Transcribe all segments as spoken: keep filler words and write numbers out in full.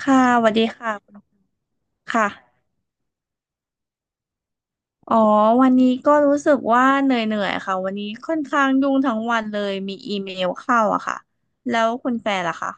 ค่ะสวัสดีค่ะคุณค่ะอ๋อวันนี้ก็รู้สึกว่าเหนื่อยๆค่ะ วันนี้ค่อนข้างยุ่งทั้งวันเลยมีอีเมลเข้าอะค่ะแล้วคุณแฟนล่ะคะ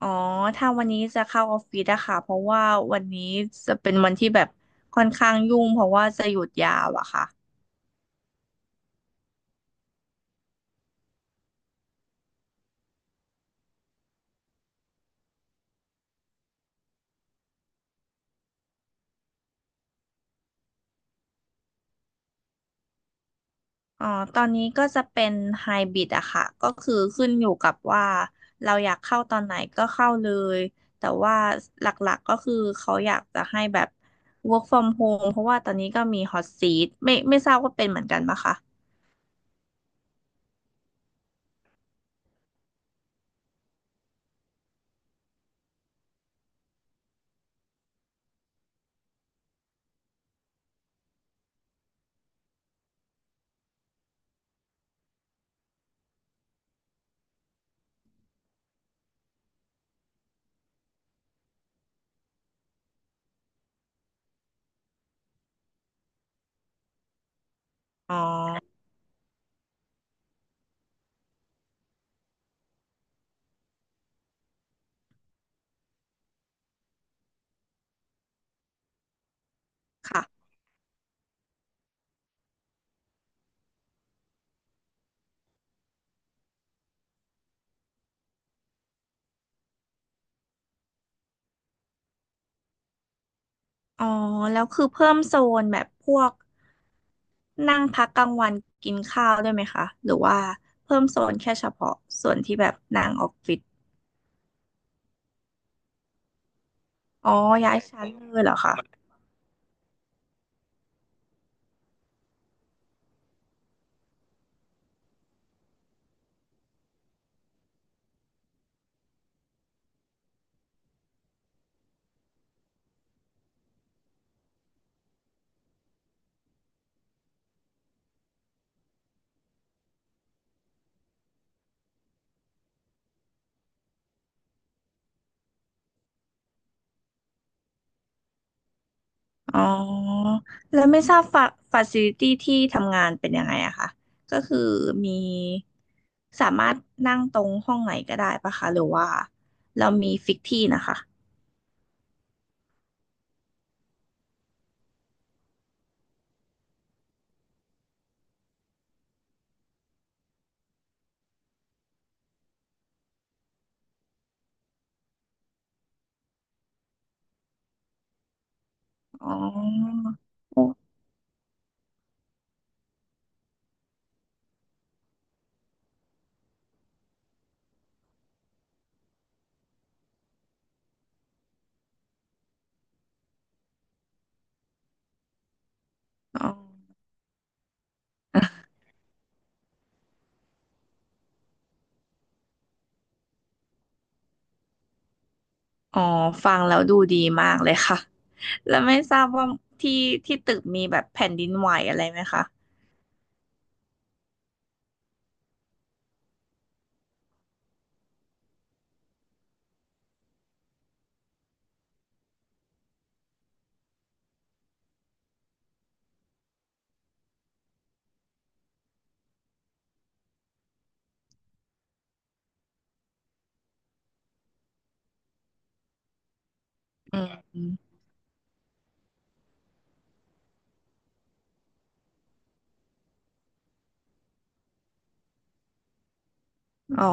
อ๋อถ้าวันนี้จะเข้าออฟฟิศอะค่ะเพราะว่าวันนี้จะเป็นวันที่แบบค่อนข้างยุ่งเพราะว่าจะหยุดยาวอะค่ะ อ๋อ ตอนนี้ก็จะเป็นไฮบริดอะค่ะ ก็คือขึ้นอยู่กับว่าเราอยากเข้าตอนไหนก็เข้าเลย แต่ว่าหลักๆก็คือเขาอยากจะให้แบบ work from home เพราะว่าตอนนี้ก็มี hot seat ไม่ไม่ทราบว่าเป็นเหมือนกันปะคะอ๋อ ค่ะ อ๋อ แล้วคือเพิ่มโซนแบบพวกนั่งพักกลางวันกินข้าวด้วยไหมคะ หรือว่าเพิ่มโซนแค่เฉพาะส่วนที่แบบนั่งออฟฟิศอ๋อย้ายชั้นเลยเหรอคะ อ๋อแล้วไม่ทราบฟาฟาซิลิตี้ที่ทำงานเป็นยังไงอะคะก็คือมีสามารถนั่งตรงห้องไหนก็ได้ปะคะหรือว่าเรามีฟิกที่นะคะอ๋อโอ้อ๋ออ๋อฟังแล้วดูดีมากเลยค่ะแล้วไม่ทราบว่าที่ที่ตึกมีแบบแผ่นดินไหวอะไรไหมคะอืมอ๋อ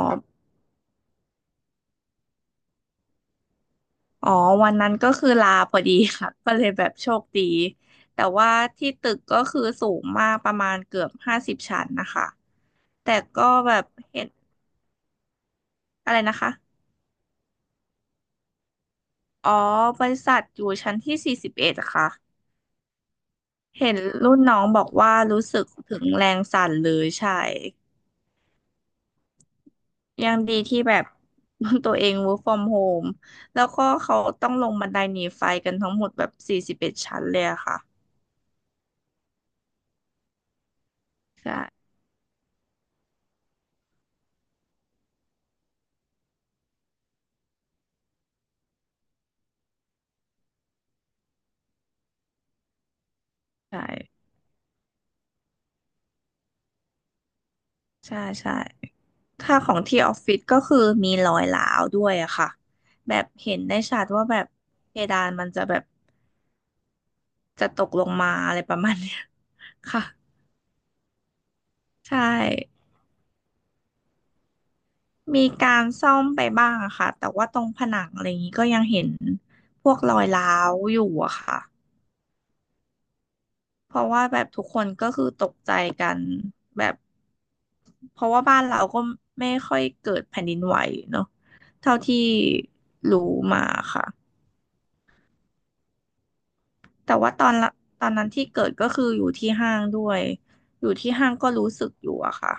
อ๋อวันนั้นก็คือลาพอดีค่ะ ก็เลยแบบโชคดีแต่ว่าที่ตึกก็คือสูงมากประมาณเกือบห้าสิบชั้นนะคะแต่ก็แบบเห็นอะไรนะคะอ๋อบริษัทอยู่ชั้นที่สี่สิบเอ็ดค่ะเห็นรุ่นน้องบอกว่ารู้สึกถึงแรงสั่นเลยใช่ยังดีที่แบบ ตัวเอง work from home แล้วก็เขาต้องลงบันไดหนีไฟกันทั้งหมดแบบสี่สิบเอ็ดชั้นเลยอะค่ะใช่ใช่ใช่ใช่ ค่าของที่ออฟฟิศก็คือมีรอยร้าวด้วยอะค่ะแบบเห็นได้ชัดว่าแบบเพดานมันจะแบบจะตกลงมาอะไรประมาณเนี้ย ค่ะใช่มีการซ่อมไปบ้างอะค่ะแต่ว่าตรงผนังอะไรอย่างนี้ก็ยังเห็นพวกรอยร้าวอยู่อะค่ะเพราะว่าแบบทุกคนก็คือตกใจกันแบบเพราะว่าบ้านเราก็ไม่ค่อยเกิดแผ่นดินไหวเนาะเท่าที่รู้มาค่ะ แต่ว่าตอนละตอนนั้นที่เกิดก็คืออยู่ที่ห้างด้วยอยู่ที่ห้างก็รู้สึกอยู่อะค่ะ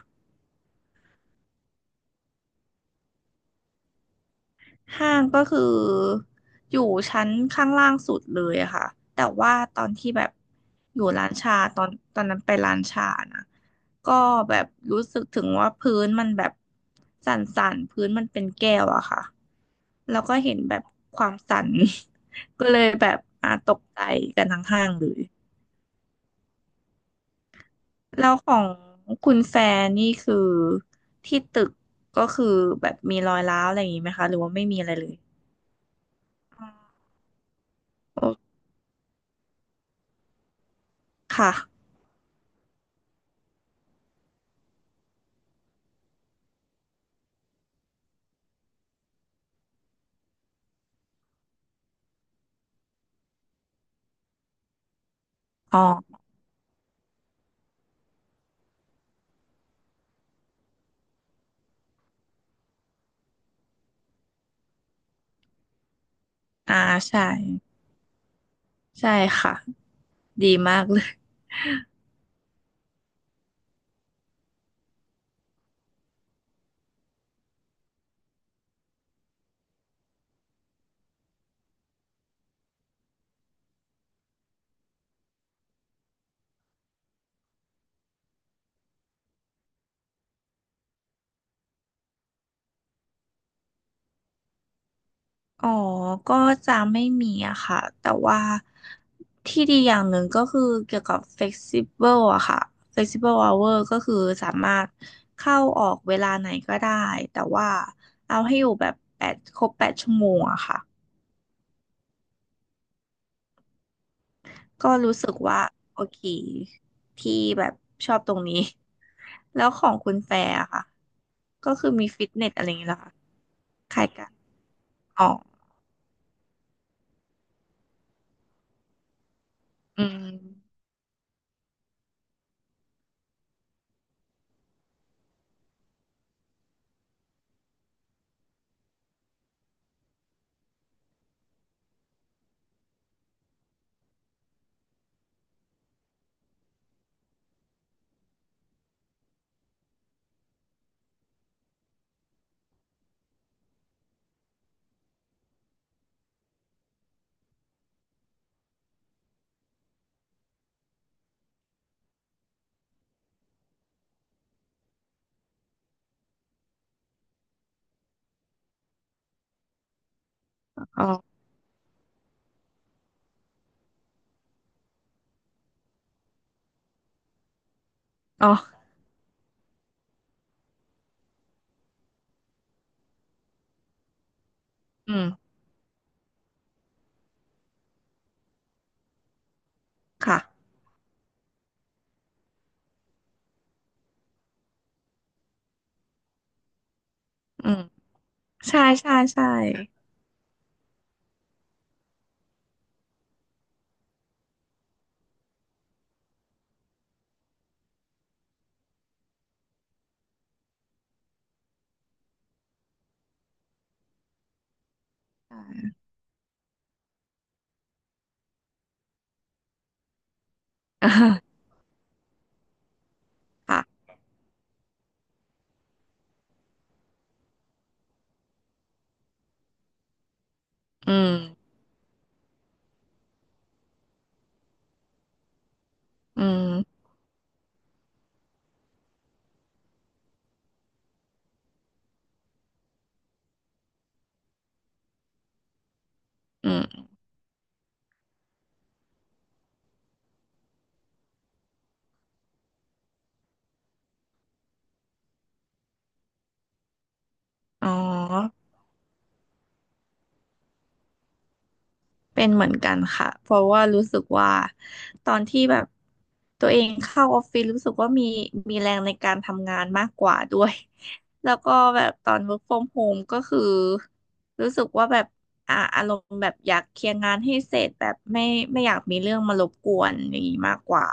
ห้างก็คืออยู่ชั้นข้างล่างสุดเลยอะค่ะแต่ว่าตอนที่แบบอยู่ร้านชาตอนตอนนั้นไปร้านชานะก็แบบรู้สึกถึงว่าพื้นมันแบบสั่นๆพื้นมันเป็นแก้วอะค่ะแล้วก็เห็นแบบความสั่น ก็เลยแบบอ่ะตกใจกันทั้งห้างเลย แล้วของคุณแฟนนี่คือที่ตึกก็คือแบบมีรอยร้าวอะไรอย่างนี้ไหมคะหรือว่าไม่มีอะไรเลยอ๋อโอค่ะอ๋ออ่าใช่ใช่ค่ะดีมากเลยอ๋อก็จะไม่มีอะค่ะแต่ว่าที่ดีอย่างหนึ่งก็คือเกี่ยวกับ flexible อะค่ะ flexible hour ก็คือสามารถเข้าออกเวลาไหนก็ได้แต่ว่าเอาให้อยู่แบบแปดครบแปดชั่วโมงอะค่ะ ก็รู้สึกว่าโอเคที่แบบชอบตรงนี้ แล้วของคุณแฟร์อะค่ะก็คือมีฟิตเนสอะไรอย่างเงี้ยเหรอคะคล้ายกันอ๋ออืมอ๋ออ๋ออืมค่ะอืมใช่ใช่ใช่ใช่ ค่ะอืมอืมอืมอ๋อ เป็นเหมือนกันค่ะ เพราะว่ารู้สึกว่าตอนที่แบบตัวเองเข้าออฟฟิศรู้สึกว่ามีมีแรงในการทำงานมากกว่าด้วย แล้วก็แบบตอน work from home ก็คือรู้สึกว่าแบบอ่าอารมณ์แบบอยากเคลียร์งานให้เสร็จแบบไม่ไม่อยากมีเรื่องมารบกวนอย่างนี้มากกว่า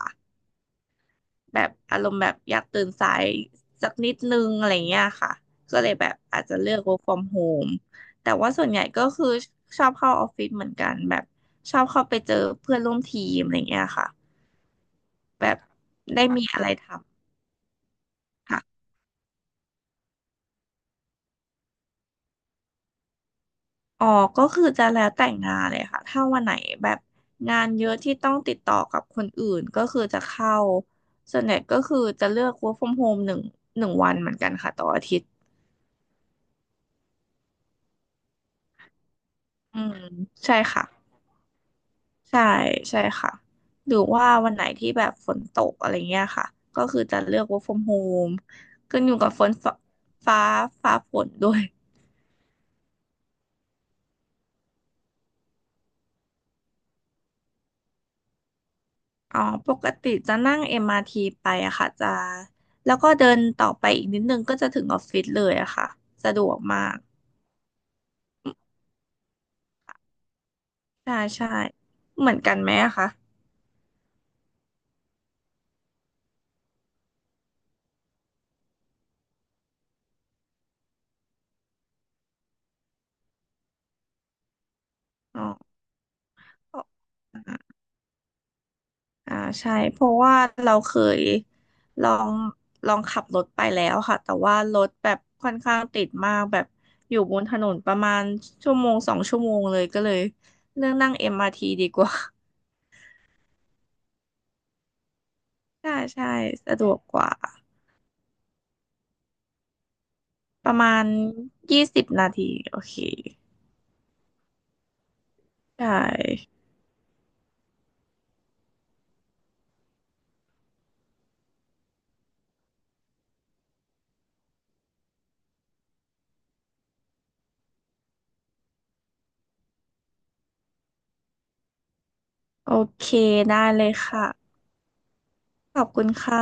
แบบอารมณ์แบบอยากตื่นสายสักนิดนึงอะไรเงี้ยค่ะก็เลยแบบอาจจะเลือก work from home แต่ว่าส่วนใหญ่ก็คือชอบเข้าออฟฟิศเหมือนกันแบบชอบเข้าไปเจอเพื่อนร่วมทีมอะไรเงี้ยค่ะแบบได้มีอะไรทำค่ะอ๋อก็คือจะแล้วแต่งงานเลยค่ะถ้าวันไหนแบบงานเยอะที่ต้องติดต่อกับคนอื่นก็คือจะเข้าส่วนใหญ่ก็คือจะเลือก work from home หนึ่งหนึ่งวันเหมือนกันค่ะต่ออาทิตย์อืมใช่ค่ะ ใช่ใช่ค่ะหรือว่าวันไหนที่แบบฝนตกอะไรเงี้ยค่ะก็คือจะเลือก work from home ขึ้นอยู่กับฝนฟ้าฟ้าฟ้าฝนด้วยอ๋อปกติจะนั่ง เอ็ม อาร์ ที ไปอะค่ะจะแล้วก็เดินต่อไปอีกนิดนึงก็จะถึงออฟฟิศเลยอะค่ะสะดวกมากใช่ใช่เหมือนกันไหมอะคะอ๋อ อ่าใช่เพราะว่าเราเคยลองลองขับรถไปแล้วค่ะแต่ว่ารถแบบค่อนข้างติดมากแบบอยู่บนถนนประมาณชั่วโมงสองชั่วโมงเลยก็เลยเลือกนั่ง เอ็ม อาร์ ที ดีกว่า ใช่ใช่สะดวกกว่าประมาณยี่สิบนาทีโอเคได้โอเคได้เลยค่ะขอบคุณค่ะ